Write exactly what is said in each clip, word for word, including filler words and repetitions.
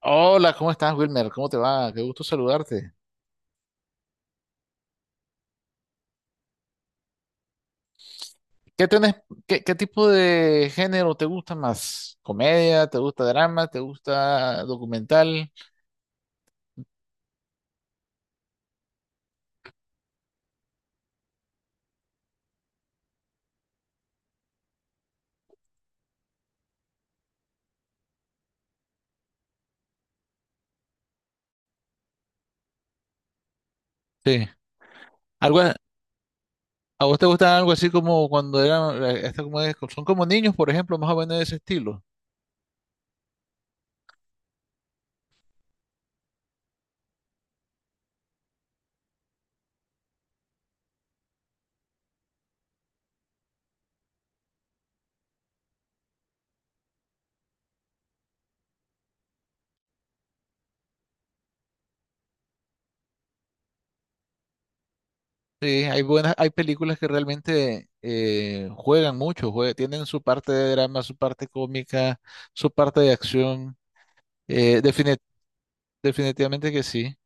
Hola, ¿cómo estás, Wilmer? ¿Cómo te va? Qué gusto saludarte. ¿Qué tenés, qué, qué tipo de género te gusta más? ¿Comedia? ¿Te gusta drama? ¿Te gusta documental? Sí. ¿Algo, a a vos te gusta algo así como cuando eran, eh, esta como es- son como niños, por ejemplo, más o menos de ese estilo? Sí, hay buenas, hay películas que realmente eh, juegan mucho, jue- tienen su parte de drama, su parte cómica, su parte de acción. Eh, defini- Definitivamente que sí.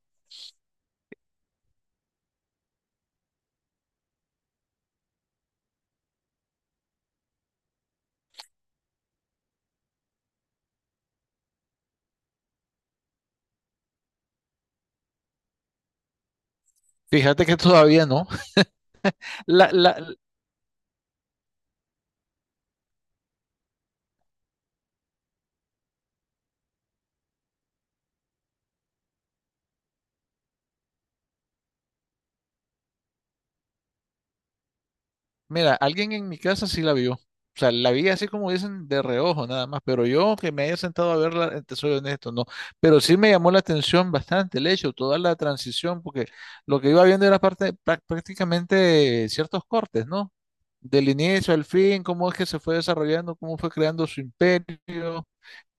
Fíjate que todavía no. La la Mira, alguien en mi casa sí la vio. O sea, la vi así como dicen de reojo nada más, pero yo que me haya sentado a verla, eh, te soy honesto, no. Pero sí me llamó la atención bastante el hecho, toda la transición, porque lo que iba viendo era parte, prá- prácticamente ciertos cortes, ¿no? Del inicio al fin, cómo es que se fue desarrollando, cómo fue creando su imperio,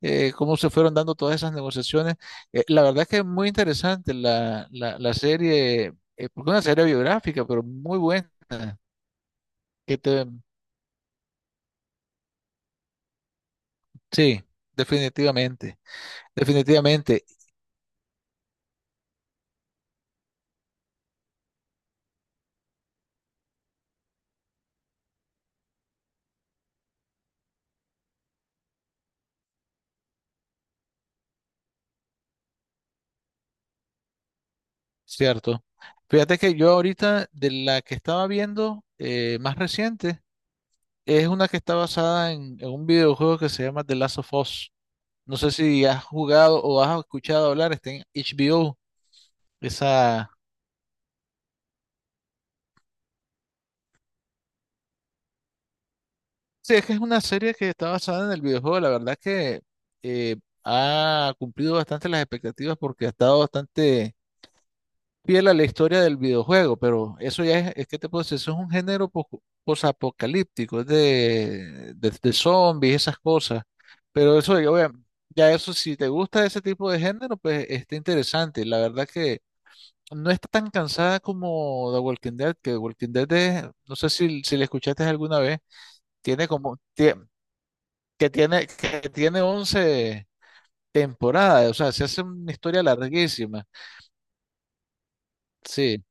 eh, cómo se fueron dando todas esas negociaciones. Eh, la verdad es que es muy interesante la, la, la serie, eh, porque es una serie biográfica, pero muy buena que te, Sí, definitivamente, definitivamente, cierto. Fíjate que yo ahorita de la que estaba viendo eh, más reciente es una que está basada en, en un videojuego que se llama The Last of Us. No sé si has jugado o has escuchado hablar, está en H B O. Esa... Sí, es que es una serie que está basada en el videojuego. La verdad que eh, ha cumplido bastante las expectativas porque ha estado bastante fiel a la historia del videojuego, pero eso ya es, es que te puedo decir, eso es un género pos- posapocalíptico, es de, de, de zombies, esas cosas. Pero eso, yo, vea, ya eso, si te gusta ese tipo de género, pues está interesante. La verdad que no está tan cansada como The Walking Dead, que The Walking Dead es, no sé si, si la escuchaste alguna vez, tiene como, tie- que tiene, que tiene once temporadas, o sea, se hace una historia larguísima. Sí.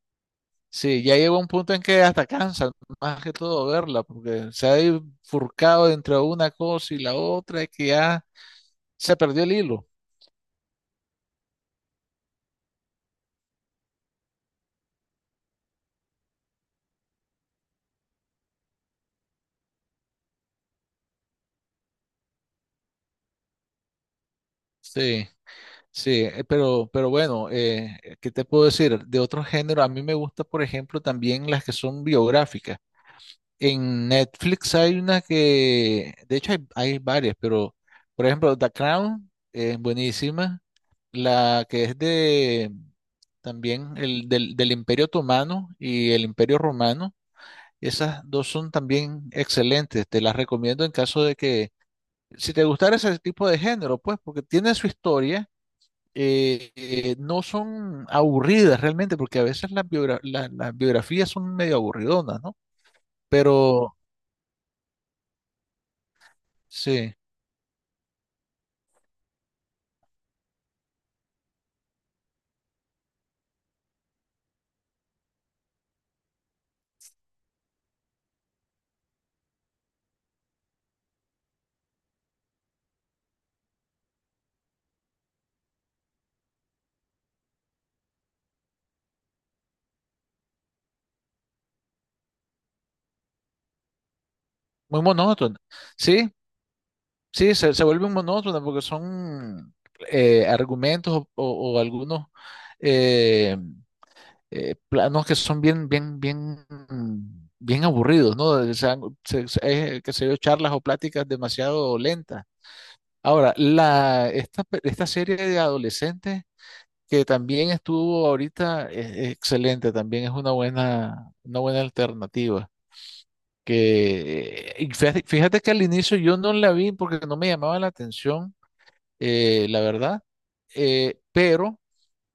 Sí, ya llegó un punto en que hasta cansa, más que todo verla, porque se ha bifurcado entre una cosa y la otra, y que ya se perdió el hilo. Sí, sí, eh, pero, pero bueno, eh, ¿qué te puedo decir? De otro género, a mí me gusta, por ejemplo, también las que son biográficas. En Netflix hay una que, de hecho hay, hay varias, pero por ejemplo The Crown es buenísima, la que es de también el del, del Imperio Otomano y el Imperio Romano, esas dos son también excelentes, te las recomiendo en caso de que, si te gustara ese tipo de género, pues porque tiene su historia, eh, eh, no son aburridas realmente, porque a veces las, biogra- la- las biografías son medio aburridonas, ¿no? Pero sí. Muy monótona. Sí, sí, se, se vuelve monótona porque son eh, argumentos o, o- o algunos eh, eh, planos que son bien, bien, bien, bien aburridos, ¿no? O sea, se- se- eh, que se dio charlas o pláticas demasiado lentas. Ahora, la, esta, pe- esta serie de adolescentes que también estuvo ahorita es excelente, también es una buena, una buena alternativa que eh, y fíjate, fíjate que al inicio yo no la vi porque no me llamaba la atención, eh, la verdad, eh, pero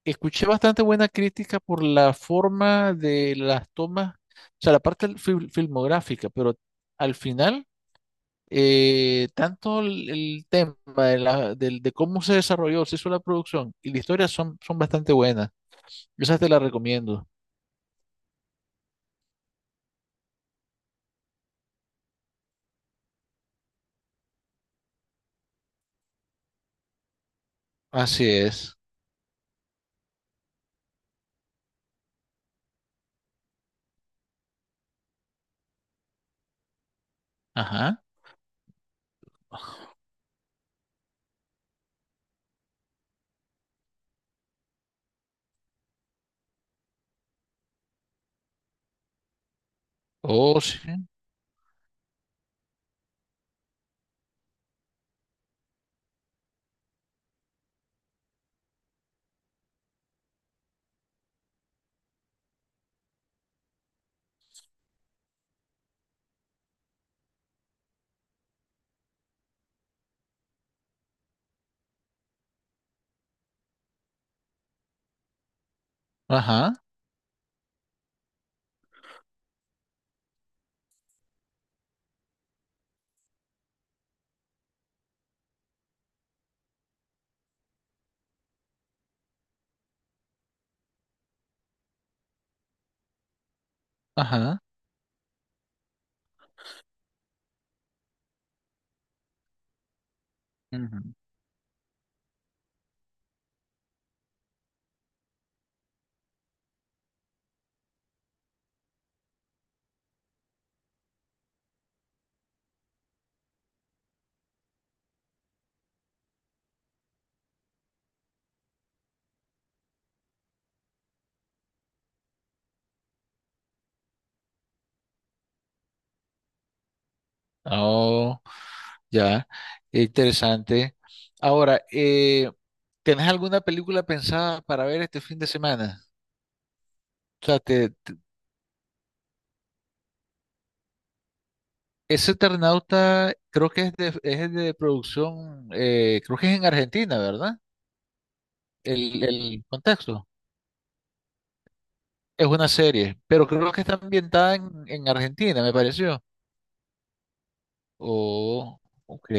escuché bastante buena crítica por la forma de las tomas, o sea, la parte fil- filmográfica, pero al final, eh, tanto el, el tema de, la- del- de cómo se desarrolló, se hizo la producción y la historia son, son bastante buenas. Esa te la recomiendo. Así es. Ajá. Oh, sí. Ajá. Ajá. Oh, ya, qué interesante. Ahora, eh, ¿tenés alguna película pensada para ver este fin de semana? O sea, te- te- ese Eternauta creo que es de, es de producción, eh, creo que es en Argentina, ¿verdad? El, el contexto. Es una serie, pero creo que está ambientada en, en Argentina, me pareció. Oh, ok.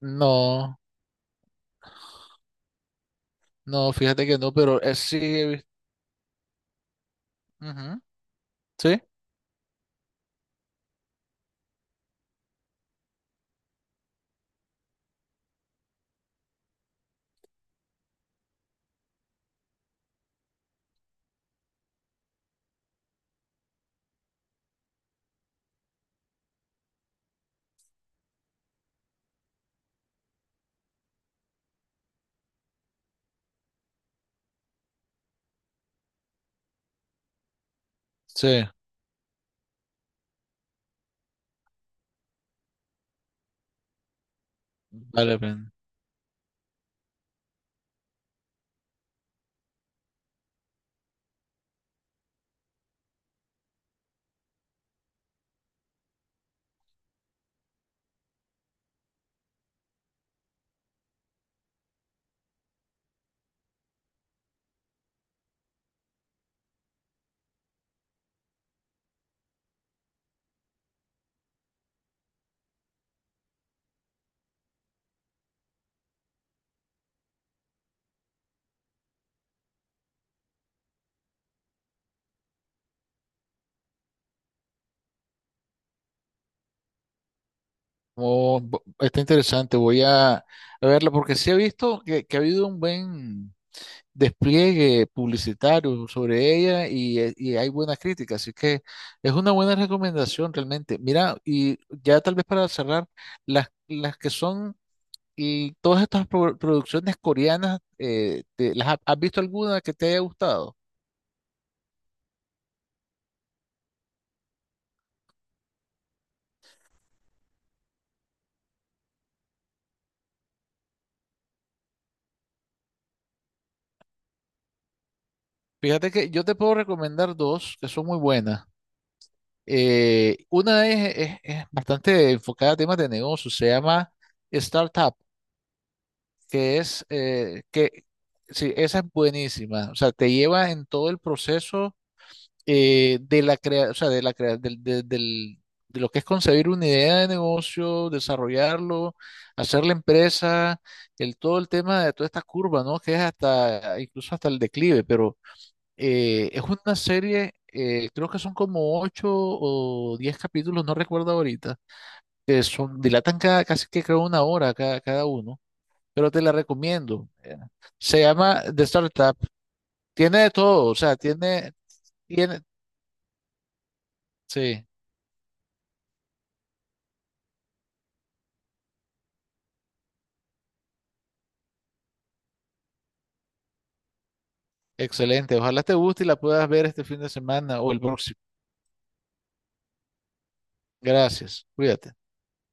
No, no, fíjate que no, pero eh, sí, he vis- ujú, sí, sí, vale la pena. Oh, bo- está interesante, voy a, a verla porque sí he visto que, que ha habido un buen despliegue publicitario sobre ella y, eh, y hay buenas críticas, así que es una buena recomendación realmente. Mira, y ya tal vez para cerrar, las, las que son y todas estas pro- producciones coreanas, eh, te- ¿las ha- has visto alguna que te haya gustado? Fíjate que yo te puedo recomendar dos que son muy buenas. Eh, una es, es- es bastante enfocada a temas de negocio, se llama Startup, que es eh, que sí, esa es buenísima, o sea, te lleva en todo el proceso eh, de la crea, o sea, de la crea- del, del- del- de lo que es concebir una idea de negocio, desarrollarlo, hacer la empresa, el todo el tema de toda esta curva, ¿no? Que es hasta incluso hasta el declive, pero eh, es una serie, eh, creo que son como ocho o diez capítulos, no recuerdo ahorita, que son, dilatan cada, casi que creo una hora cada, cada uno, pero te la recomiendo. eh. Se llama The Startup. Tiene de todo, o sea, tiene, tiene, sí, excelente. Ojalá te guste y la puedas ver este fin de semana o el próximo. Gracias, cuídate.